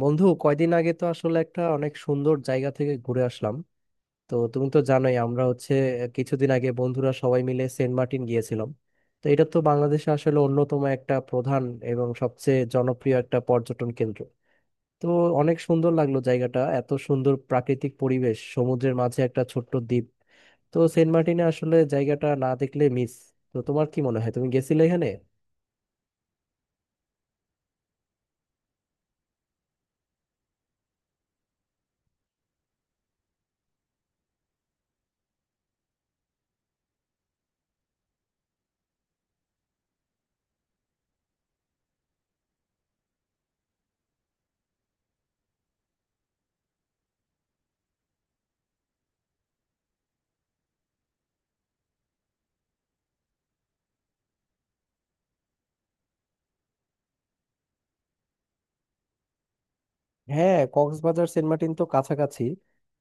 বন্ধু কয়দিন আগে তো আসলে একটা অনেক সুন্দর জায়গা থেকে ঘুরে আসলাম। তো তুমি তো জানোই আমরা হচ্ছে কিছুদিন আগে বন্ধুরা সবাই মিলে সেন্ট মার্টিন গিয়েছিলাম। তো এটা তো বাংলাদেশে আসলে অন্যতম একটা প্রধান এবং সবচেয়ে জনপ্রিয় একটা পর্যটন কেন্দ্র। তো অনেক সুন্দর লাগলো জায়গাটা, এত সুন্দর প্রাকৃতিক পরিবেশ, সমুদ্রের মাঝে একটা ছোট্ট দ্বীপ। তো সেন্ট মার্টিনে আসলে জায়গাটা না দেখলে মিস। তো তোমার কি মনে হয়, তুমি গেছিলে এখানে? হ্যাঁ, কক্সবাজার সেন্ট মার্টিন তো কাছাকাছি।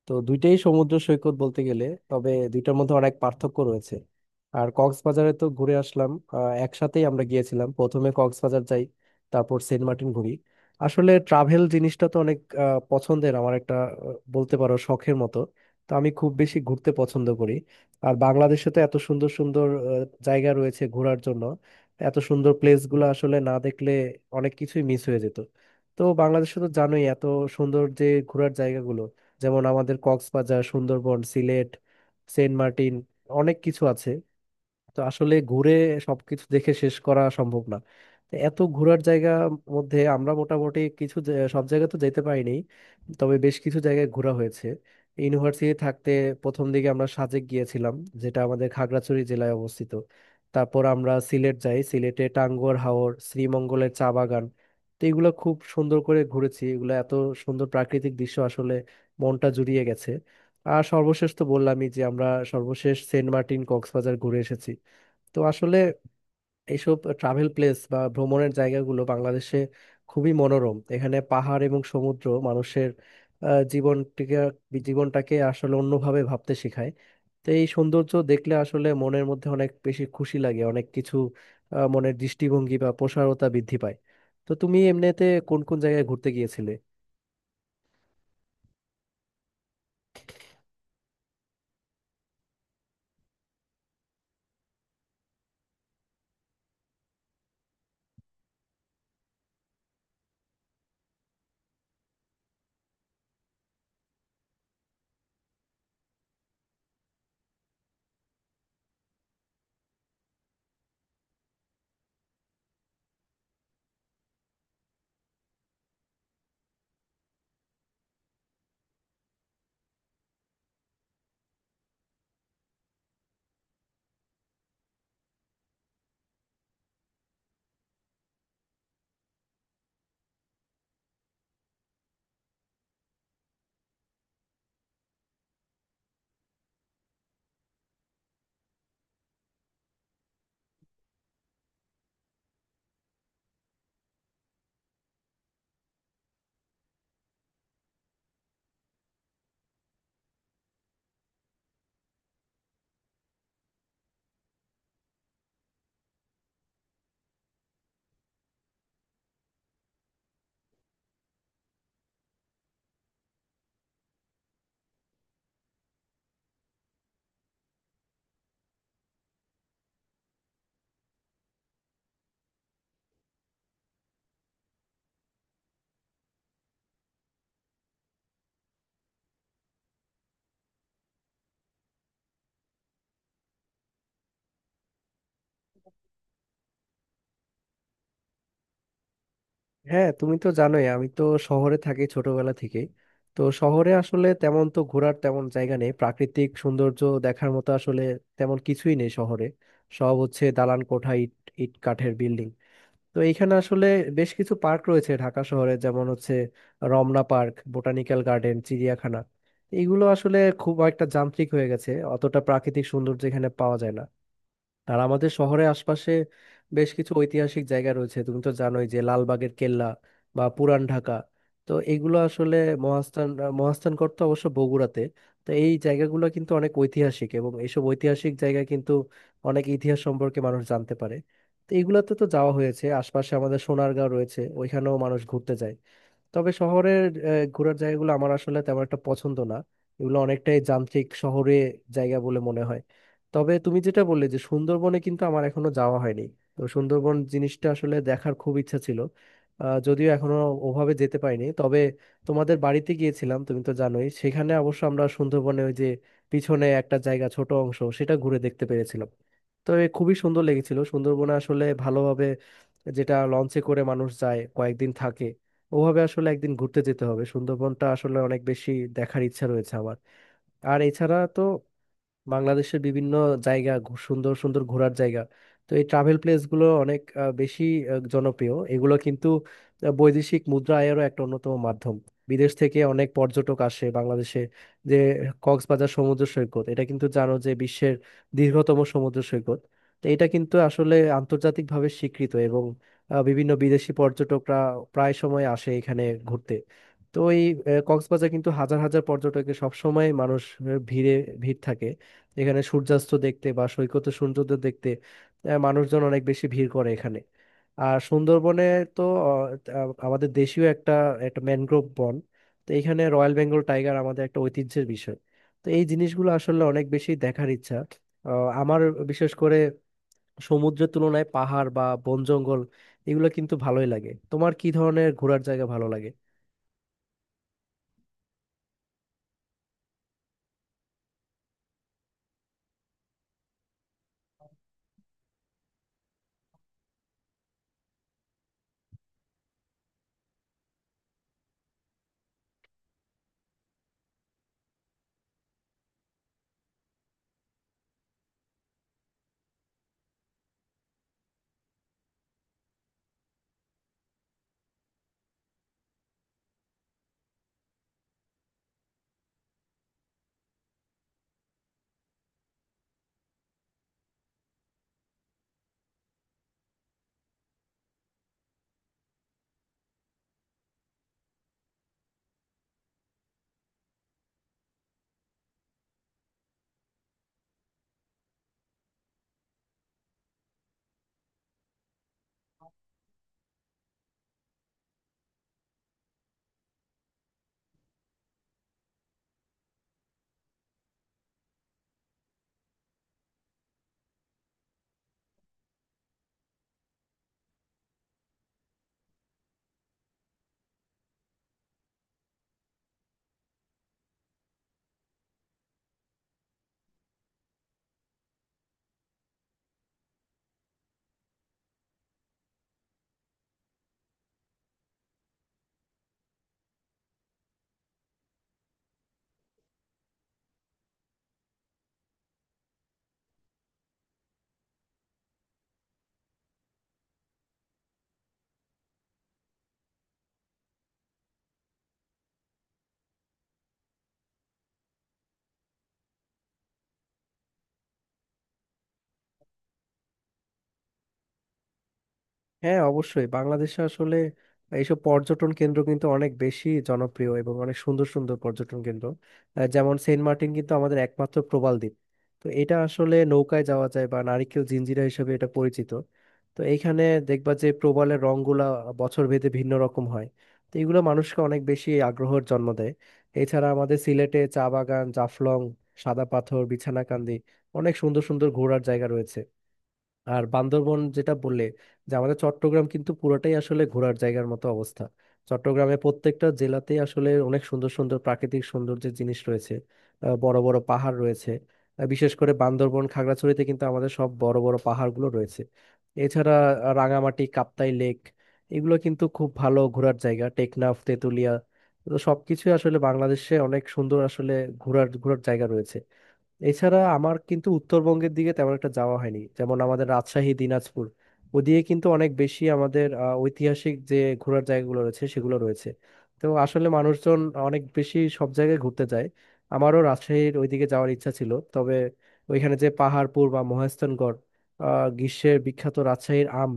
তো দুইটাই সমুদ্র সৈকত বলতে গেলে, তবে দুইটার মধ্যে অনেক পার্থক্য রয়েছে। আর কক্সবাজারে তো ঘুরে আসলাম, একসাথেই আমরা গিয়েছিলাম, প্রথমে কক্সবাজার যাই, তারপর সেন্ট মার্টিন ঘুরি। আসলে ট্রাভেল জিনিসটা তো অনেক পছন্দের আমার, একটা বলতে পারো শখের মতো। তো আমি খুব বেশি ঘুরতে পছন্দ করি। আর বাংলাদেশে তো এত সুন্দর সুন্দর জায়গা রয়েছে ঘোরার জন্য। এত সুন্দর প্লেসগুলো আসলে না দেখলে অনেক কিছুই মিস হয়ে যেত। তো বাংলাদেশে তো জানোই এত সুন্দর যে ঘোরার জায়গাগুলো, যেমন আমাদের কক্সবাজার, সুন্দরবন, সিলেট, সেন্ট মার্টিন, অনেক কিছু আছে। তো আসলে ঘুরে সবকিছু দেখে শেষ করা সম্ভব না। তো এত ঘোরার জায়গা মধ্যে আমরা মোটামুটি কিছু সব জায়গা তো যেতে পারিনি, তবে বেশ কিছু জায়গায় ঘোরা হয়েছে। ইউনিভার্সিটি থাকতে প্রথম দিকে আমরা সাজেক গিয়েছিলাম, যেটা আমাদের খাগড়াছড়ি জেলায় অবস্থিত। তারপর আমরা সিলেট যাই, সিলেটে টাঙ্গুয়ার হাওর, শ্রীমঙ্গলের চা বাগান, তো এগুলো খুব সুন্দর করে ঘুরেছি। এগুলো এত সুন্দর প্রাকৃতিক দৃশ্য, আসলে মনটা জুড়িয়ে গেছে। আর সর্বশেষ তো বললামই যে আমরা সর্বশেষ সেন্ট মার্টিন কক্সবাজার ঘুরে এসেছি। তো আসলে এইসব ট্রাভেল প্লেস বা ভ্রমণের জায়গাগুলো বাংলাদেশে খুবই মনোরম, এখানে পাহাড় এবং সমুদ্র মানুষের আহ, জীবনটিকে জীবনটাকে আসলে অন্যভাবে ভাবতে শেখায়। তো এই সৌন্দর্য দেখলে আসলে মনের মধ্যে অনেক বেশি খুশি লাগে, অনেক কিছু মনের দৃষ্টিভঙ্গি বা প্রসারতা বৃদ্ধি পায়। তো তুমি এমনিতে কোন কোন জায়গায় ঘুরতে গিয়েছিলে? হ্যাঁ, তুমি তো জানোই আমি তো শহরে থাকি ছোটবেলা থেকে। তো শহরে আসলে তেমন তো ঘোরার তেমন জায়গা নেই, প্রাকৃতিক সৌন্দর্য দেখার মতো আসলে তেমন কিছুই নেই শহরে। সব হচ্ছে দালান কোঠা, ইট ইট কাঠের বিল্ডিং। তো এইখানে আসলে বেশ কিছু পার্ক রয়েছে ঢাকা শহরে, যেমন হচ্ছে রমনা পার্ক, বোটানিক্যাল গার্ডেন, চিড়িয়াখানা। এগুলো আসলে খুব একটা যান্ত্রিক হয়ে গেছে, অতটা প্রাকৃতিক সৌন্দর্য এখানে পাওয়া যায় না। আর আমাদের শহরের আশপাশে বেশ কিছু ঐতিহাসিক জায়গা রয়েছে, তুমি তো জানোই যে লালবাগের কেল্লা বা পুরান ঢাকা। তো এগুলো আসলে মহাস্থান, মহাস্থানগড় তো অবশ্য বগুড়াতে। তো এই জায়গাগুলো কিন্তু অনেক ঐতিহাসিক, এবং এইসব ঐতিহাসিক জায়গা কিন্তু অনেক ইতিহাস সম্পর্কে মানুষ জানতে পারে। তো এগুলাতে তো যাওয়া হয়েছে, আশপাশে আমাদের সোনারগাঁও রয়েছে, ওইখানেও মানুষ ঘুরতে যায়। তবে শহরের ঘোরার জায়গাগুলো আমার আসলে তেমন একটা পছন্দ না, এগুলো অনেকটাই যান্ত্রিক শহরে জায়গা বলে মনে হয়। তবে তুমি যেটা বললে যে সুন্দরবনে কিন্তু আমার এখনো যাওয়া হয়নি। তো সুন্দরবন জিনিসটা আসলে দেখার খুব ইচ্ছা ছিল, যদিও এখনো ওভাবে যেতে পারিনি। তবে তোমাদের বাড়িতে গিয়েছিলাম, তুমি তো জানোই সেখানে অবশ্য আমরা সুন্দরবনে ওই যে পিছনে একটা জায়গা, ছোট অংশ, সেটা ঘুরে দেখতে পেরেছিলাম। তো এ খুবই সুন্দর লেগেছিল। সুন্দরবনে আসলে যেটা লঞ্চে করে মানুষ যায়, কয়েকদিন থাকে, ওভাবে আসলে একদিন ঘুরতে যেতে হবে। সুন্দরবনটা আসলে অনেক বেশি দেখার ইচ্ছা রয়েছে আমার। আর এছাড়া তো বাংলাদেশের বিভিন্ন জায়গা সুন্দর সুন্দর ঘোরার জায়গা। তো এই ট্রাভেল প্লেসগুলো অনেক বেশি জনপ্রিয়। এগুলো কিন্তু বৈদেশিক মুদ্রা আয়েরও একটা অন্যতম মাধ্যম, বিদেশ থেকে অনেক পর্যটক আসে বাংলাদেশে। যে কক্সবাজার সমুদ্র সৈকত এটা কিন্তু জানো যে বিশ্বের দীর্ঘতম সমুদ্র সৈকত। তো এটা কিন্তু আসলে আন্তর্জাতিকভাবে স্বীকৃত, এবং বিভিন্ন বিদেশি পর্যটকরা প্রায় সময় আসে এখানে ঘুরতে। তো এই কক্সবাজার কিন্তু হাজার হাজার পর্যটকের, সবসময় মানুষ আহ, ভিড়ে ভিড় থাকে। এখানে সূর্যাস্ত দেখতে বা সৈকতে সূর্যোদয় দেখতে মানুষজন অনেক বেশি ভিড় করে এখানে। আর সুন্দরবনে তো আহ, আহ, আমাদের দেশীয় একটা একটা ম্যানগ্রোভ বন। তো এখানে রয়্যাল বেঙ্গল টাইগার আমাদের একটা ঐতিহ্যের বিষয়। তো এই জিনিসগুলো আসলে অনেক বেশি দেখার ইচ্ছা আহ, আমার। বিশেষ করে সমুদ্রের তুলনায় পাহাড় বা বন জঙ্গল, এগুলো কিন্তু ভালোই লাগে। তোমার কি ধরনের ঘোরার জায়গা ভালো লাগে? হ্যাঁ, অবশ্যই, বাংলাদেশে আসলে এইসব পর্যটন কেন্দ্র কিন্তু অনেক বেশি জনপ্রিয় এবং অনেক সুন্দর সুন্দর পর্যটন কেন্দ্র। যেমন সেন্ট মার্টিন কিন্তু আমাদের একমাত্র প্রবাল দ্বীপ। তো এটা আসলে নৌকায় যাওয়া যায়, বা নারিকেল জিঞ্জিরা হিসেবে এটা পরিচিত। তো এইখানে দেখবা যে প্রবালের রংগুলা বছর ভেদে ভিন্ন রকম হয়। তো এগুলো মানুষকে অনেক বেশি আগ্রহের জন্ম দেয়। এছাড়া আমাদের সিলেটে চা বাগান, জাফলং, সাদা পাথর, বিছানাকান্দি, অনেক সুন্দর সুন্দর ঘোরার জায়গা রয়েছে। আর বান্দরবন যেটা বললে, যে আমাদের চট্টগ্রাম কিন্তু পুরোটাই আসলে ঘোরার জায়গার মতো অবস্থা। চট্টগ্রামে প্রত্যেকটা জেলাতেই আসলে অনেক সুন্দর সুন্দর প্রাকৃতিক সৌন্দর্যের জিনিস রয়েছে, বড় বড় পাহাড় রয়েছে। বিশেষ করে বান্দরবন খাগড়াছড়িতে কিন্তু আমাদের সব বড় বড় পাহাড়গুলো রয়েছে। এছাড়া রাঙামাটি, কাপ্তাই লেক, এগুলো কিন্তু খুব ভালো ঘোরার জায়গা, টেকনাফ, তেঁতুলিয়া। তো সবকিছু আসলে বাংলাদেশে অনেক সুন্দর আসলে ঘোরার ঘোরার জায়গা রয়েছে। এছাড়া আমার কিন্তু উত্তরবঙ্গের দিকে তেমন একটা যাওয়া হয়নি, যেমন আমাদের রাজশাহী, দিনাজপুর। ওদিকে কিন্তু অনেক বেশি আমাদের ঐতিহাসিক যে ঘোরার জায়গাগুলো রয়েছে সেগুলো রয়েছে। তো আসলে মানুষজন অনেক বেশি সব জায়গায় ঘুরতে যায়। আমারও রাজশাহীর ওইদিকে যাওয়ার ইচ্ছা ছিল, তবে ওইখানে যে পাহাড়পুর বা মহেস্থানগড়, আহ, গ্রীষ্মের বিখ্যাত রাজশাহীর আম,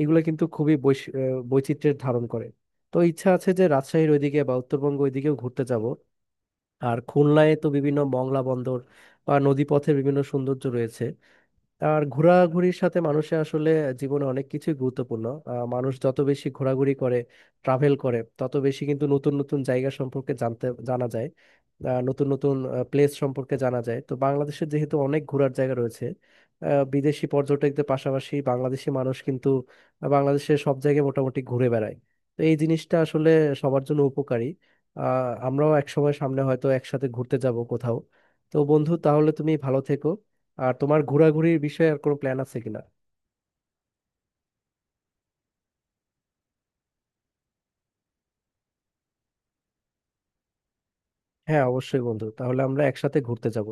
এগুলো কিন্তু খুবই বৈচিত্র্যের ধারণ করে। তো ইচ্ছা আছে যে রাজশাহীর ওইদিকে বা উত্তরবঙ্গ ওইদিকেও ঘুরতে যাব। আর খুলনায় তো বিভিন্ন মংলা বন্দর বা নদীপথের বিভিন্ন সৌন্দর্য রয়েছে। আর ঘোরাঘুরির সাথে মানুষের আসলে জীবনে অনেক কিছুই গুরুত্বপূর্ণ। মানুষ যত বেশি ঘোরাঘুরি করে, ট্রাভেল করে, তত বেশি কিন্তু নতুন নতুন জায়গা সম্পর্কে জানতে জানা যায়, নতুন নতুন প্লেস সম্পর্কে জানা যায়। তো বাংলাদেশের যেহেতু অনেক ঘোরার জায়গা রয়েছে, বিদেশি পর্যটকদের পাশাপাশি বাংলাদেশি মানুষ কিন্তু বাংলাদেশের সব জায়গায় মোটামুটি ঘুরে বেড়ায়। তো এই জিনিসটা আসলে সবার জন্য উপকারী। আহ, আমরাও এক সময় সামনে হয়তো একসাথে ঘুরতে যাব কোথাও। তো বন্ধু, তাহলে তুমি ভালো থেকো। আর তোমার ঘোরাঘুরির বিষয়ে আর কোনো প্ল্যান আছে কিনা? হ্যাঁ, অবশ্যই বন্ধু, তাহলে আমরা একসাথে ঘুরতে যাব।